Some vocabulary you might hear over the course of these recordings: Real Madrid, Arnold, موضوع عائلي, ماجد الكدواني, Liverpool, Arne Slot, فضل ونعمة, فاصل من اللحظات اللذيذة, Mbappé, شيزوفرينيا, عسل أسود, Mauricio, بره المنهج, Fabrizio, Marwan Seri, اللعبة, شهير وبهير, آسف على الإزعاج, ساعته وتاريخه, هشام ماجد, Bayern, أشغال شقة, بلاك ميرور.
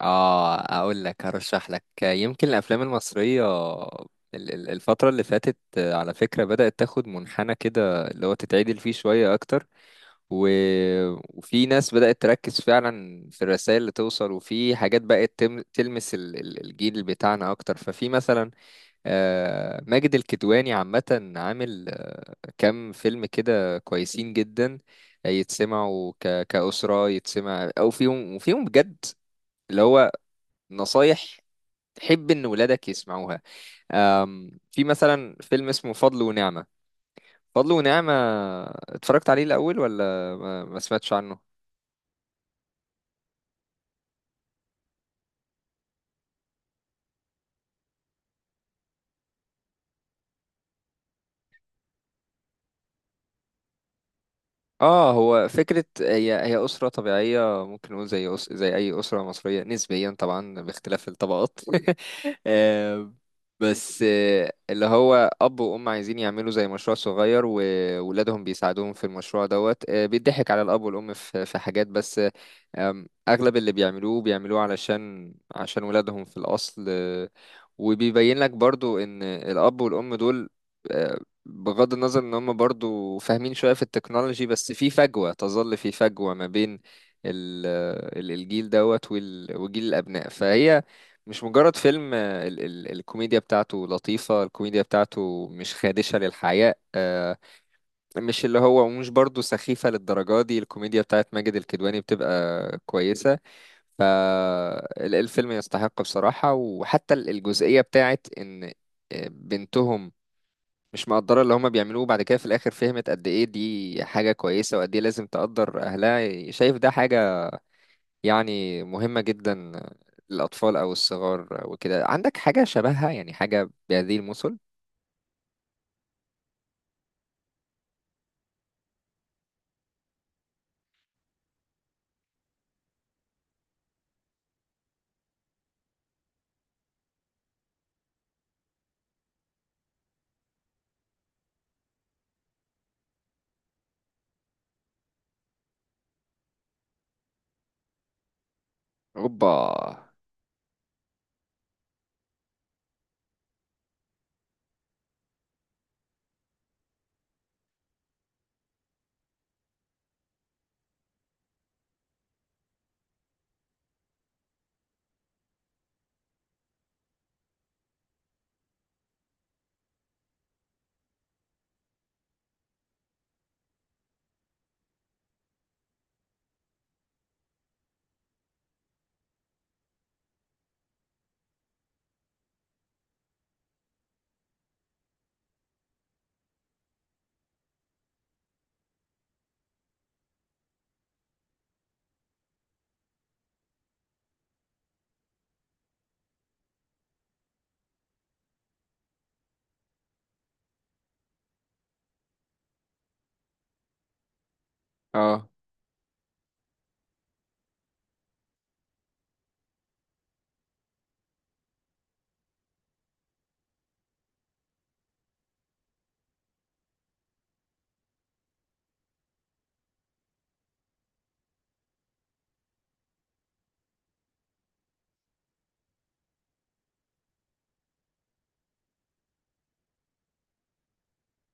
اه، اقول لك هرشح لك يمكن الافلام المصريه الفتره اللي فاتت، على فكره بدات تاخد منحنى كده اللي هو تتعدل فيه شويه اكتر و... وفي ناس بدات تركز فعلا في الرسائل اللي توصل وفي حاجات بقت تلمس الجيل بتاعنا اكتر. ففي مثلا ماجد الكدواني عامه عامل كام فيلم كده كويسين جدا يتسمعوا كأسرة يتسمع أو فيهم، وفيهم بجد اللي هو نصايح تحب ان ولادك يسمعوها. في مثلا فيلم اسمه فضل ونعمة. فضل ونعمة اتفرجت عليه الاول ولا ما سمعتش عنه؟ اه، هو فكرة هي أسرة طبيعية ممكن نقول زي زي أي أسرة مصرية نسبيا، طبعا باختلاف الطبقات. آه، بس اللي هو أب وأم عايزين يعملوا زي مشروع صغير، وولادهم بيساعدوهم في المشروع دوت. بيضحك على الأب والأم في حاجات، بس أغلب اللي بيعملوه بيعملوه علشان عشان ولادهم في الأصل. وبيبين لك برضو ان الاب والام دول، آه، بغض النظر ان هم برضو فاهمين شوية في التكنولوجي، بس في فجوة، تظل في فجوة ما بين ال- الجيل دوت وجيل الابناء. فهي مش مجرد فيلم. ال الكوميديا بتاعته لطيفة، الكوميديا بتاعته مش خادشة للحياء. مش اللي هو مش برضو سخيفة للدرجة دي. الكوميديا بتاعت ماجد الكدواني بتبقى كويسة. فالفيلم يستحق بصراحة. وحتى الجزئية بتاعت إن بنتهم مش مقدرة اللي هما بيعملوه، بعد كده في الآخر فهمت قد إيه دي حاجة كويسة، وقد إيه لازم تقدر أهلها. شايف ده حاجة يعني مهمة جدا للأطفال أو الصغار وكده. عندك حاجة شبهها يعني، حاجة بهذه المثل؟ أوبا. آه،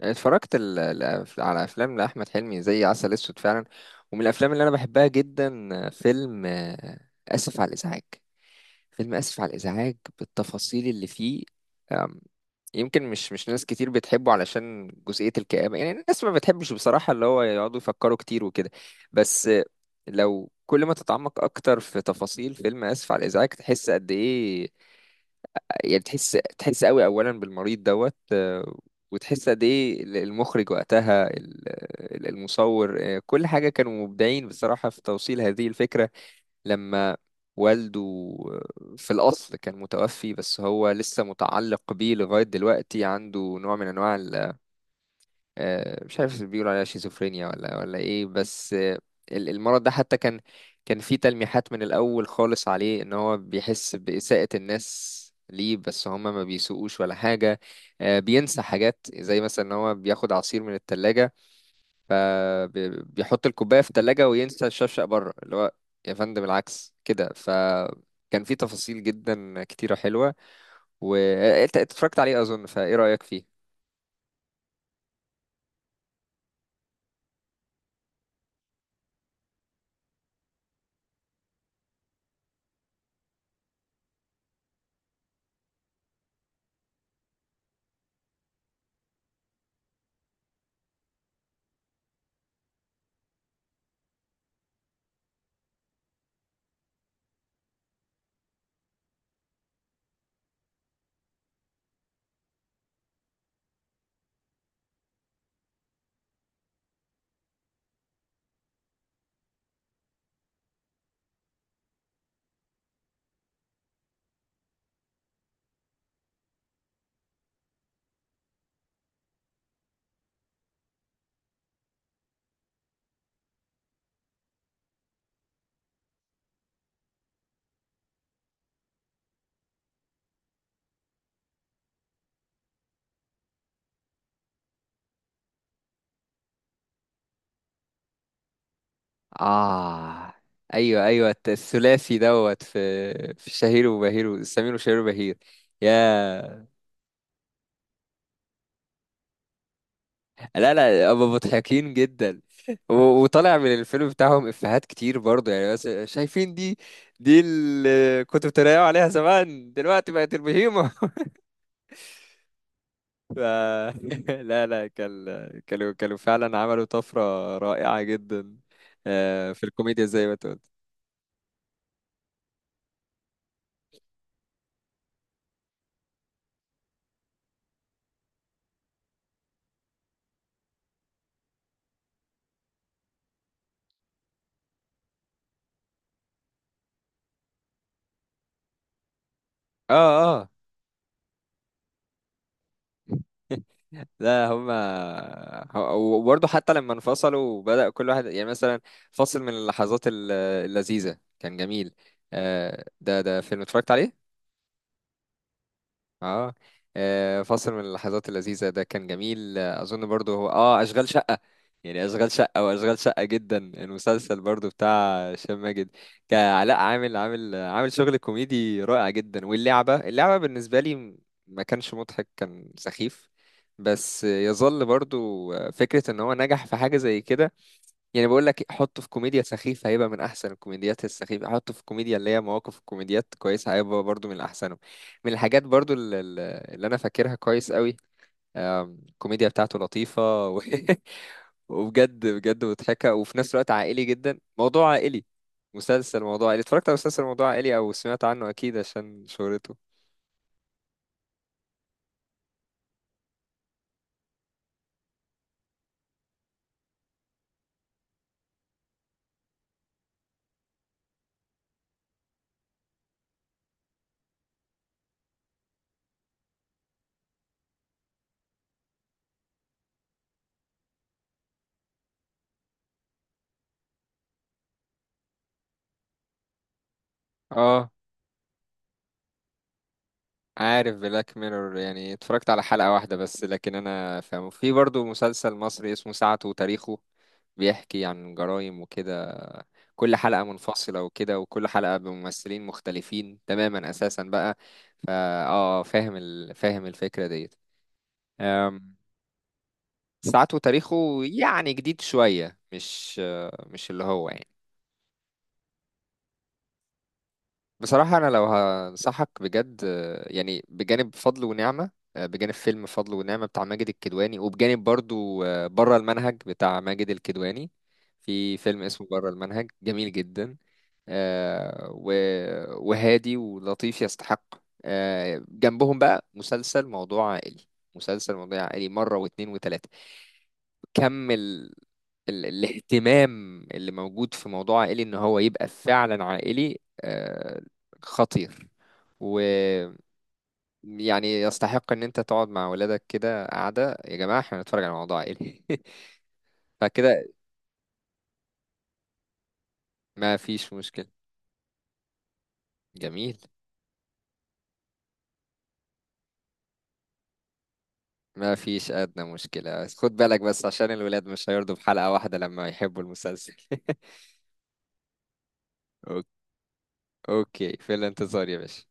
اتفرجت على أفلام لأحمد حلمي زي عسل أسود فعلا. ومن الأفلام اللي أنا بحبها جدا فيلم آسف على الإزعاج. فيلم آسف على الإزعاج بالتفاصيل اللي فيه. أم، يمكن مش ناس كتير بتحبه علشان جزئية الكآبة. يعني الناس ما بتحبش بصراحة اللي هو يقعدوا يفكروا كتير وكده. بس لو كل ما تتعمق أكتر في تفاصيل فيلم آسف على الإزعاج تحس قد إيه. يعني تحس قوي أولا بالمريض دوت. وتحس قد إيه المخرج وقتها، المصور، كل حاجة، كانوا مبدعين بصراحة في توصيل هذه الفكرة. لما والده في الأصل كان متوفي بس هو لسه متعلق بيه لغاية دلوقتي، عنده نوع من أنواع مش عارف بيقولوا عليها شيزوفرينيا ولا إيه، بس المرض ده حتى كان، كان فيه تلميحات من الأول خالص عليه إن هو بيحس بإساءة الناس ليه، بس هما ما بيسوقوش ولا حاجة. بينسى حاجات زي مثلا إن هو بياخد عصير من التلاجة، فبيحط الكوباية في التلاجة وينسى الشفشق بره، اللي هو يا فندم العكس كده. فكان في تفاصيل جدا كتيرة حلوة. وانت اتفرجت عليه أظن، فايه رأيك فيه؟ آه، أيوه أيوه، الثلاثي دوت في شهير وبهير، سمير وشهير وبهير. يا، لا لا، هما مضحكين جدا. وطالع من الفيلم بتاعهم إفيهات كتير برضه، يعني بس شايفين دي، دي اللي كنتوا بتريقوا عليها زمان، دلوقتي بقت البهيمة. ف... لا لا كان، كانوا فعلا عملوا طفرة رائعة جدا، في الكوميديا زي ما انت قلت. اه اه. لا هما، وبرضه حتى لما انفصلوا وبدأ كل واحد يعني مثلا، فصل من اللحظات اللذيذة كان جميل. ده فيلم اتفرجت عليه. اه. آه، فاصل من اللحظات اللذيذة ده كان جميل. أظن برضو هو اه أشغال شقة. يعني أشغال شقة، وأشغال شقة جدا المسلسل برضو بتاع هشام ماجد كعلاء، عامل عامل شغل كوميدي رائع جدا. واللعبة، اللعبة بالنسبة لي ما كانش مضحك، كان سخيف. بس يظل برضو فكرة إن هو نجح في حاجة زي كده. يعني بقول لك حطه في كوميديا سخيفة هيبقى من أحسن الكوميديات السخيفة، حطه في كوميديا اللي هي مواقف الكوميديات كويسة هيبقى برضو من أحسنهم. من الحاجات برضو اللي أنا فاكرها كويس قوي، الكوميديا بتاعته لطيفة وبجد بجد مضحكة، وفي نفس الوقت عائلي جدا، موضوع عائلي. مسلسل موضوع عائلي، اتفرجت على مسلسل موضوع عائلي أو سمعت عنه أكيد عشان شهرته؟ اه، عارف بلاك ميرور. يعني اتفرجت على حلقة واحدة بس، لكن انا فاهمه. في برضو مسلسل مصري اسمه ساعته وتاريخه، بيحكي عن جرائم وكده، كل حلقة منفصلة وكده، وكل حلقة بممثلين مختلفين تماما اساسا بقى. فا، اه فاهم فاهم الفكرة ديت. أم، ساعته وتاريخه يعني جديد شوية، مش، مش اللي هو يعني. بصراحة أنا لو هنصحك بجد، يعني بجانب فضل ونعمة، بجانب فيلم فضل ونعمة بتاع ماجد الكدواني، وبجانب برضو بره المنهج بتاع ماجد الكدواني. في فيلم اسمه بره المنهج جميل جدا، آه، و- وهادي ولطيف، يستحق. جنبهم بقى مسلسل موضوع عائلي. مسلسل موضوع عائلي مرة واتنين وتلاتة، كم الاهتمام اللي موجود في موضوع عائلي ان هو يبقى فعلا عائلي. خطير، ويعني يستحق ان انت تقعد مع ولادك كده، قاعدة يا جماعة احنا هنتفرج على موضوع عائلي. فكده ما فيش مشكلة. جميل. ما فيش أدنى مشكلة، خد بالك بس عشان الولاد مش هيرضوا بحلقة واحدة لما يحبوا المسلسل. أوك- اوكي، في الانتظار يا باشا.